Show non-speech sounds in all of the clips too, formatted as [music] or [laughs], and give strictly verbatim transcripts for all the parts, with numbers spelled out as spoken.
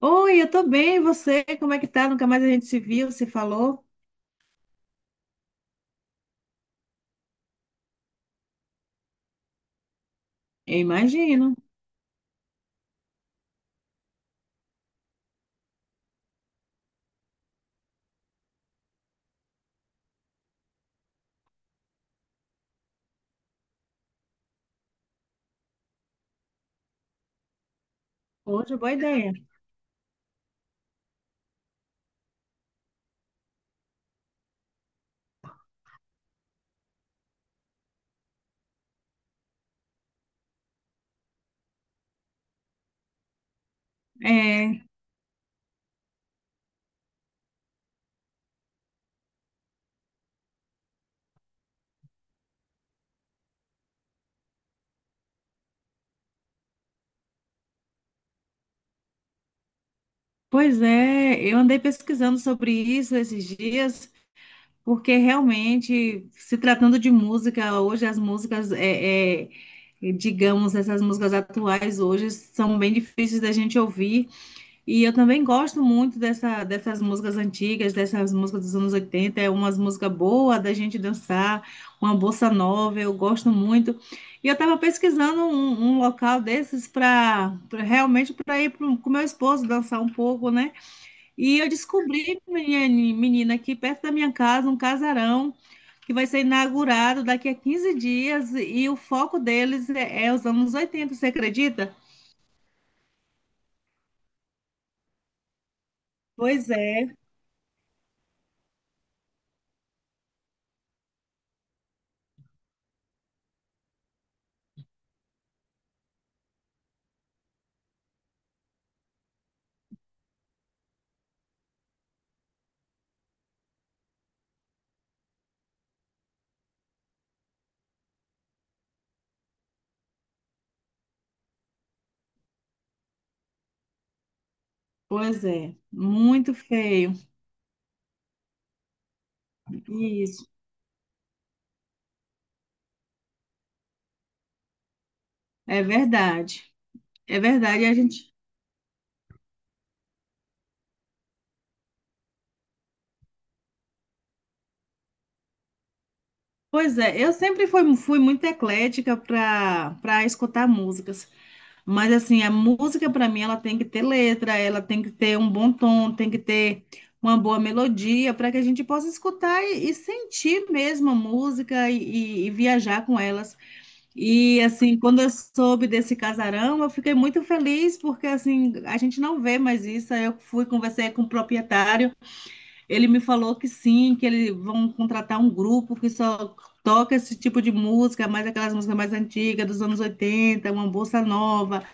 Oi, eu tô bem, e você? Como é que tá? Nunca mais a gente se viu, se falou? Eu imagino. Outra boa ideia. É, Pois é, eu andei pesquisando sobre isso esses dias, porque realmente, se tratando de música, hoje as músicas, é, é, digamos, essas músicas atuais hoje são bem difíceis da gente ouvir. E eu também gosto muito dessa, dessas músicas antigas, dessas músicas dos anos oitenta, é umas músicas boas da gente dançar, uma bossa nova, eu gosto muito. E eu estava pesquisando um, um local desses para realmente para ir pro, com meu esposo dançar um pouco, né? E eu descobri, menina, menina, aqui perto da minha casa, um casarão que vai ser inaugurado daqui a quinze dias e o foco deles é, é os anos oitenta, você acredita? Pois é, pois é, muito feio. Isso, é verdade. É verdade, e a gente. Pois é, eu sempre fui, fui muito eclética para para escutar músicas. Mas assim, a música para mim ela tem que ter letra, ela tem que ter um bom tom, tem que ter uma boa melodia para que a gente possa escutar e, e sentir mesmo a música e, e- e viajar com elas. E assim, quando eu soube desse casarão, eu fiquei muito feliz porque assim, a gente não vê mais isso. Aí eu fui conversei com o proprietário. Ele me falou que sim, que eles vão contratar um grupo que só toca esse tipo de música, mais aquelas músicas mais antigas, dos anos oitenta, uma bossa nova,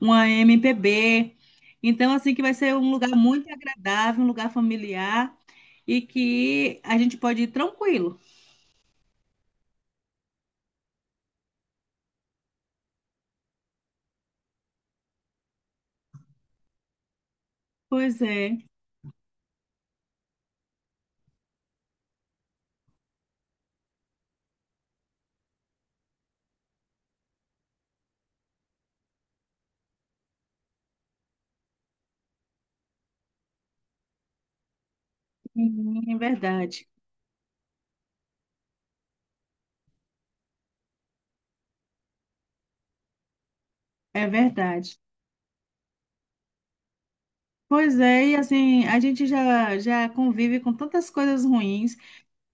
uma M P B. Então, assim, que vai ser um lugar muito agradável, um lugar familiar e que a gente pode ir tranquilo. Pois é, sim, é verdade, é verdade. Pois é, e assim, a gente já, já convive com tantas coisas ruins.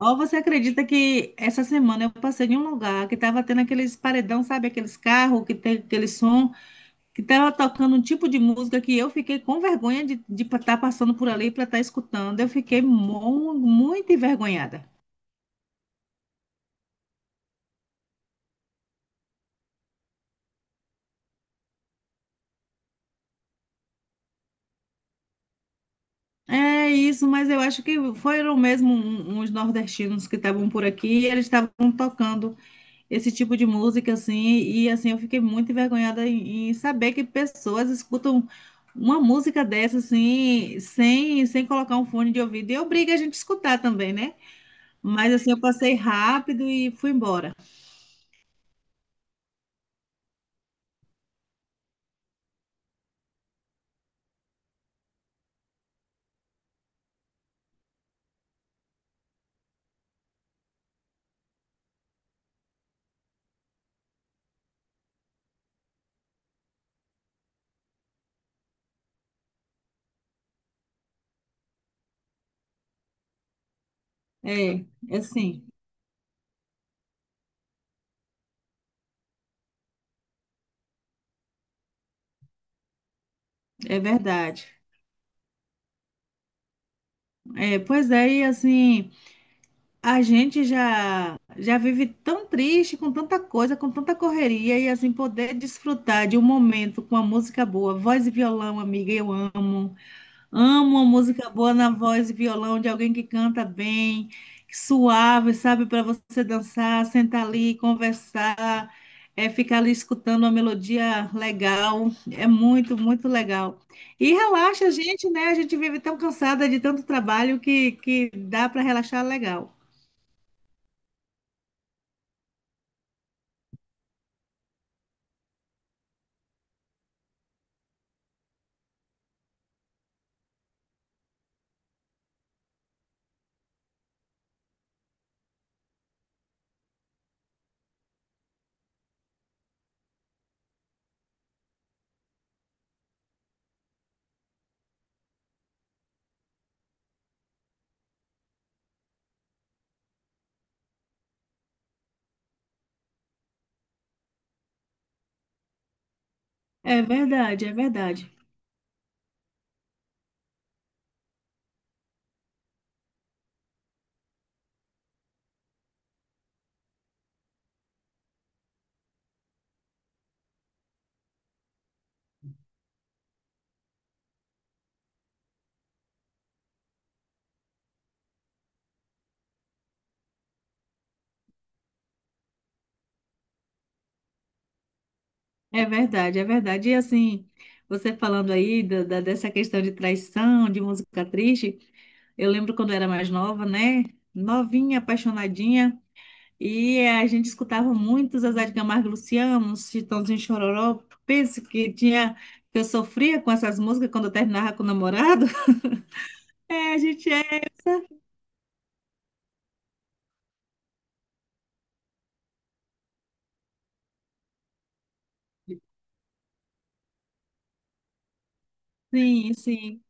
Ou você acredita que essa semana eu passei em um lugar que estava tendo aqueles paredão, sabe? Aqueles carros que tem aquele som, que estava tocando um tipo de música que eu fiquei com vergonha de estar passando por ali para estar escutando. Eu fiquei mu- muito envergonhada. É isso, mas eu acho que foram mesmo um- uns nordestinos que estavam por aqui e eles estavam tocando esse tipo de música, assim, e assim, eu fiquei muito envergonhada em, em saber que pessoas escutam uma música dessa, assim, sem, sem colocar um fone de ouvido, e obriga a gente a escutar também, né? Mas assim, eu passei rápido e fui embora. É, é assim, é verdade. É, pois é, e assim, a gente já já vive tão triste com tanta coisa, com tanta correria, e assim, poder desfrutar de um momento com a música boa, voz e violão, amiga, eu amo. Amo uma música boa na voz e violão de alguém que canta bem, suave, sabe, para você dançar, sentar ali, conversar, é, ficar ali escutando uma melodia legal. É muito, muito legal. E relaxa a gente, né? A gente vive tão cansada de tanto trabalho que, que dá para relaxar legal. É verdade, é verdade. É verdade, é verdade. E assim, você falando aí da, da- dessa questão de traição, de música triste. Eu lembro quando eu era mais nova, né? Novinha, apaixonadinha. E a gente escutava muito Zezé de Camargo e Luciano, os Chitãozinho e Chororó. Penso que tinha, que eu sofria com essas músicas quando eu terminava com o namorado. [laughs] É, a gente é, sim, sim,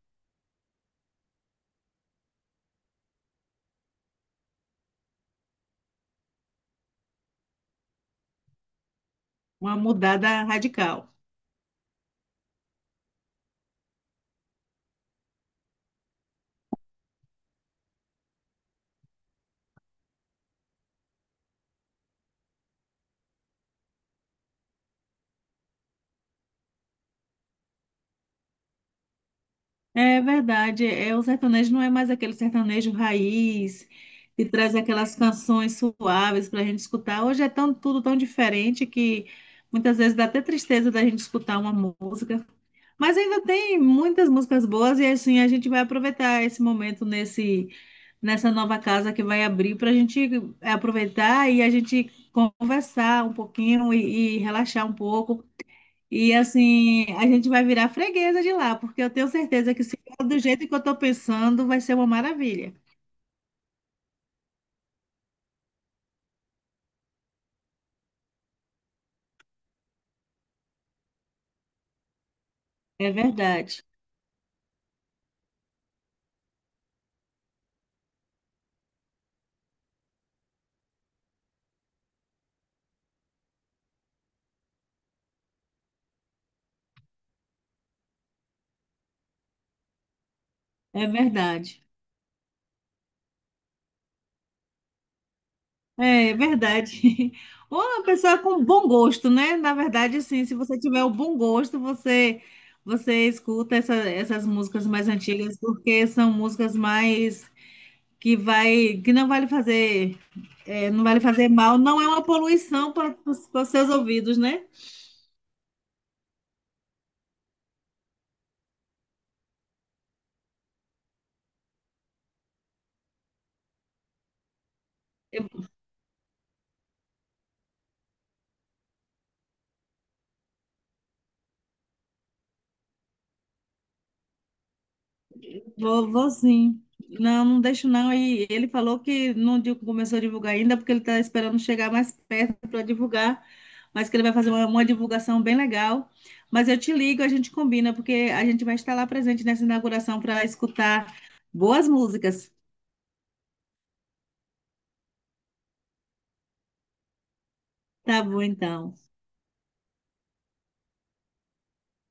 uma mudada radical. É verdade, é, o sertanejo não é mais aquele sertanejo raiz que traz aquelas canções suaves para a gente escutar. Hoje é tão, tudo tão diferente que muitas vezes dá até tristeza da gente escutar uma música. Mas ainda tem muitas músicas boas e assim a gente vai aproveitar esse momento nesse nessa nova casa que vai abrir para a gente aproveitar e a gente conversar um pouquinho e, e relaxar um pouco. E assim, a gente vai virar freguesa de lá, porque eu tenho certeza que se for do jeito que eu estou pensando, vai ser uma maravilha. É verdade, é verdade, é é verdade. [laughs] Ou uma pessoa com bom gosto, né? Na verdade, assim, se você tiver o bom gosto, você você escuta essa- essas músicas mais antigas, porque são músicas mais que vai que não vai lhe fazer é, não vai lhe fazer mal, não é uma poluição para os seus ouvidos, né? Vou, vou sim. Não, não deixo não. E ele falou que não di- começou a divulgar ainda, é porque ele está esperando chegar mais perto para divulgar, mas que ele vai fazer uma, uma divulgação bem legal. Mas eu te ligo, a gente combina, porque a gente vai estar lá presente nessa inauguração para escutar boas músicas. Tá bom, então.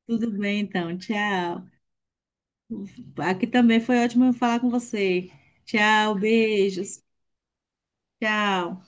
Tudo bem, então. Tchau. Aqui também foi ótimo falar com você. Tchau, beijos. Tchau.